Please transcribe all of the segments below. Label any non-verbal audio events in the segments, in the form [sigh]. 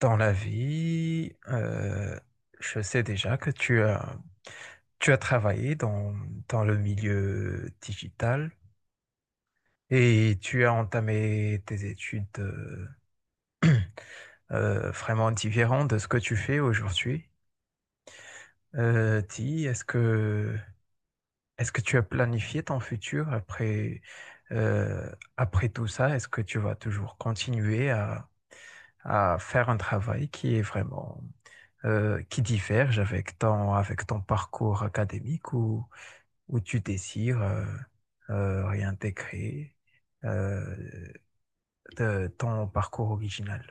Dans la vie, je sais déjà que tu as travaillé dans le milieu digital et tu as entamé tes études [clears throat] vraiment différentes de ce que tu fais aujourd'hui. Dis, est-ce que tu as planifié ton futur après, euh, après tout ça? Est-ce que tu vas toujours continuer à faire un travail qui est vraiment qui divergent avec avec ton parcours académique où tu désires réintégrer euh, ton parcours original.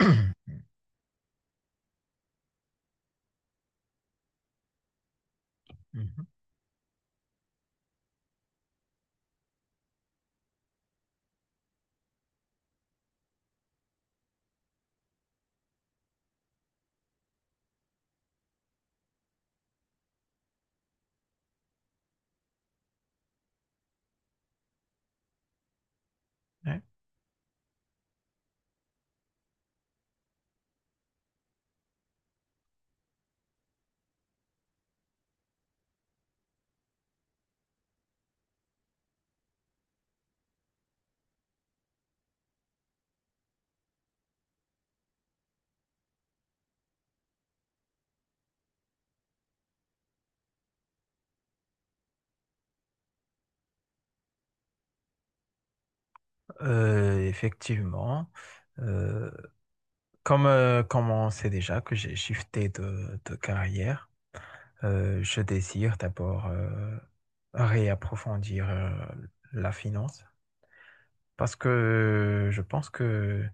[coughs] Mhm. Ouais. Effectivement, euh, comme on sait déjà que j'ai shifté de carrière, je désire d'abord réapprofondir la finance parce que je pense que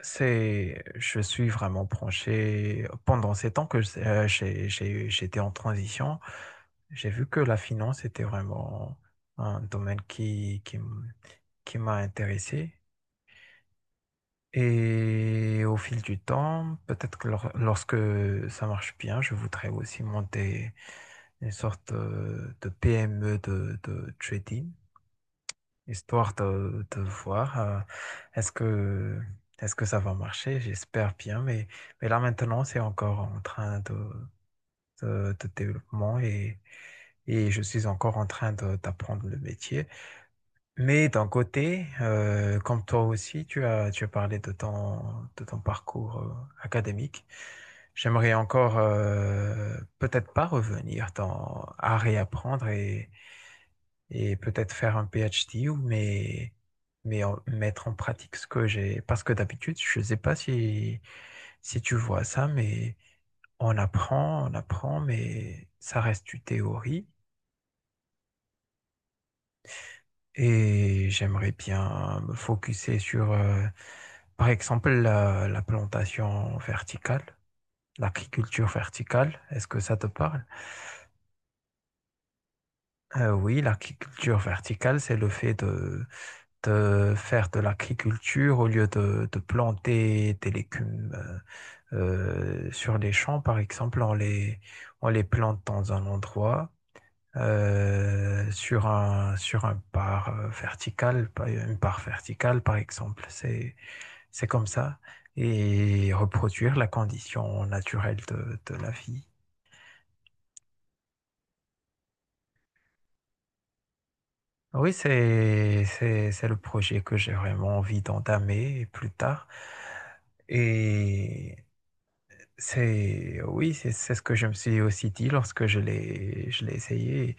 c'est, je suis vraiment branché. Pendant ces temps que j'étais en transition, j'ai vu que la finance était vraiment un domaine qui m'a intéressé. Et au fil du temps, peut-être que lorsque ça marche bien, je voudrais aussi monter une sorte de PME de trading, histoire de voir est-ce que, est-ce que ça va marcher. J'espère bien, mais là maintenant, c'est encore en train de développement et je suis encore en train d'apprendre le métier. Mais d'un côté, comme toi aussi, tu as parlé de de ton parcours académique. J'aimerais encore peut-être pas revenir dans, à réapprendre et peut-être faire un PhD ou mais en- mettre en pratique ce que j'ai, parce que d'habitude je ne sais pas si si tu vois ça, mais on apprend on apprend, mais ça reste du théorie, et j'aimerais bien me focuser sur par exemple la plantation verticale, l'agriculture verticale, est-ce que ça te parle? Oui, l'agriculture verticale, c'est le fait de faire de l'agriculture au lieu de planter des légumes sur les champs, par exemple, on les plante dans un endroit, sur sur un une part verticale, par exemple. C'est comme ça. Et reproduire la condition naturelle de la vie. Oui, c'est le projet que j'ai vraiment envie d'entamer plus tard. Et c'est oui, c'est ce que je me suis aussi dit lorsque je l'ai essayé.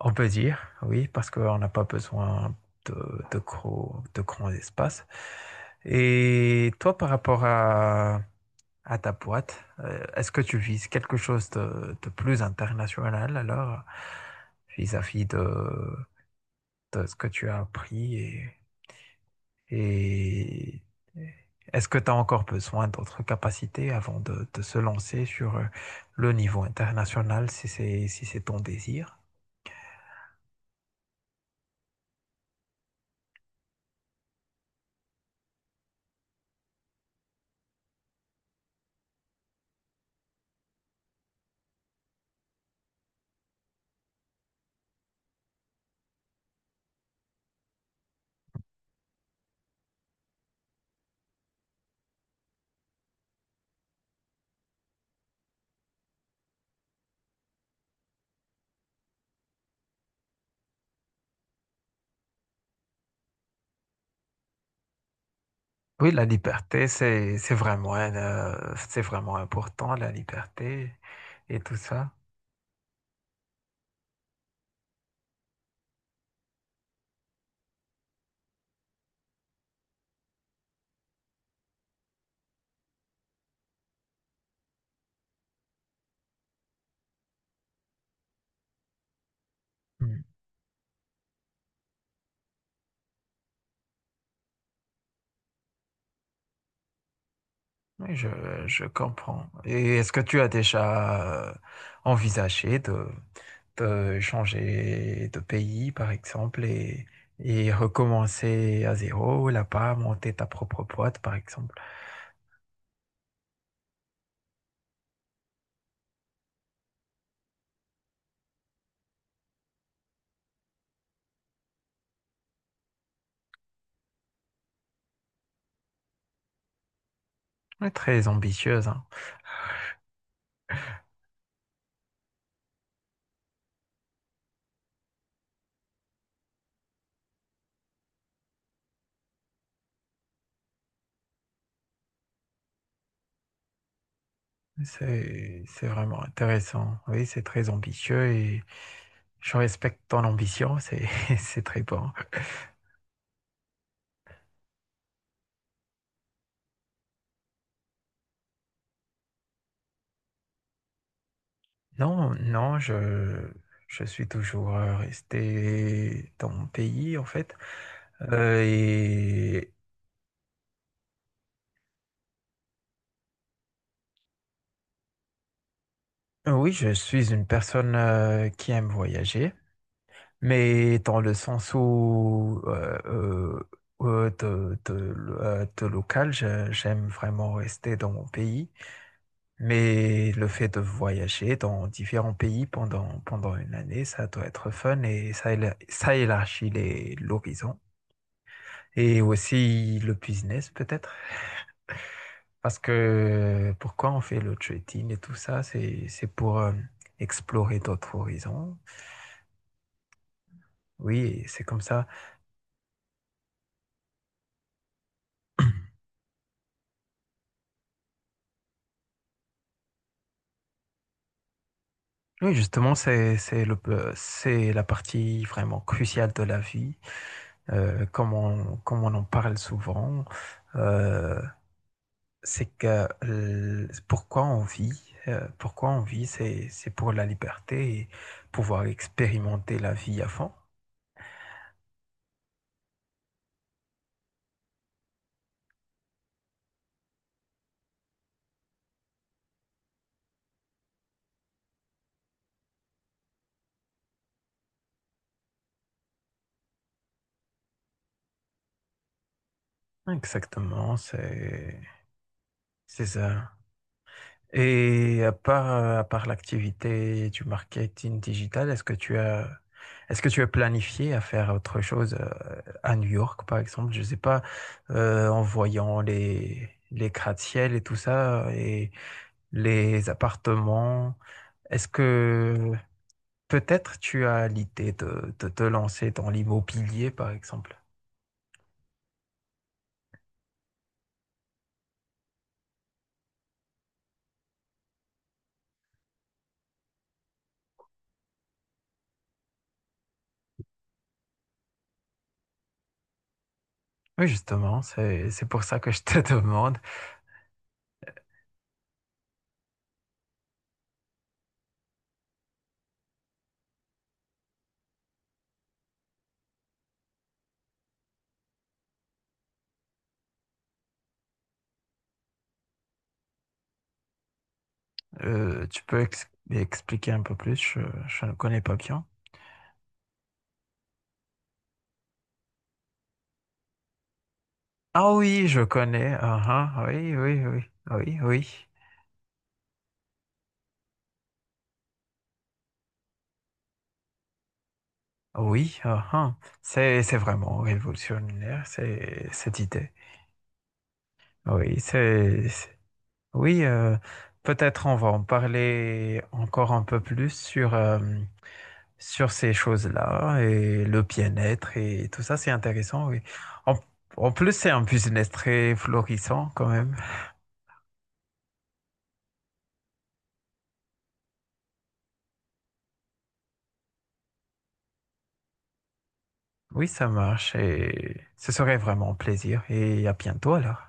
On peut dire oui, parce qu'on n'a pas besoin de de gros de grands espaces. Et toi, par rapport à ta boîte, est-ce que tu vises quelque chose de plus international, alors, vis-à-vis de ce que tu as appris? Et est-ce que tu as encore besoin d'autres capacités avant de se lancer sur le niveau international, si c'est ton désir? Oui, la liberté, c'est vraiment, c'est vraiment important, la liberté et tout ça. Hmm. Oui, je comprends. Et est-ce que tu as déjà envisagé de changer de pays, par exemple, et recommencer à zéro, là-bas, monter ta propre boîte, par exemple? Oui, très ambitieuse, hein. C'est vraiment intéressant. Oui, c'est très ambitieux et je respecte ton ambition, c'est, [laughs] c'est très bon. Non, non, je suis toujours resté dans mon pays, en fait. Et oui, je suis une personne qui aime voyager, mais dans le sens où euh, de, de, de local, j'aime vraiment rester dans mon pays. Mais le fait de voyager dans différents pays pendant une année, ça doit être fun, et ça, ça élargit l'horizon. Et aussi le business peut-être, parce que pourquoi on fait le trading et tout ça, c'est pour explorer d'autres horizons. Oui, c'est comme ça. Oui, justement, c'est le c'est la partie vraiment cruciale de la vie, comme on en parle souvent. euh, c'est que pourquoi on vit, c'est pour la liberté, et pouvoir expérimenter la vie à fond. Exactement, c'est ça. Et à part l'activité du marketing digital, est-ce que tu as est-ce que tu as planifié à faire autre chose à New York, par exemple? Je sais pas, en voyant les gratte-ciel et tout ça et les appartements. Est-ce que peut-être tu as l'idée de te lancer dans l'immobilier, par exemple. Oui, justement, c'est pour ça que je te [laughs] demande. Tu peux expliquer un peu plus, je ne connais pas bien. Ah oui, je connais. Ah ah, oui, oui, oui, oui, oui. Oui, ah ah. C'est vraiment révolutionnaire, c'est, cette idée. Oui, oui, peut-être on va en parler encore un peu plus sur, sur ces choses-là et le bien-être et tout ça, c'est intéressant, oui. En, en plus, c'est un business très florissant quand même. Oui, ça marche et ce serait vraiment un plaisir, et à bientôt alors.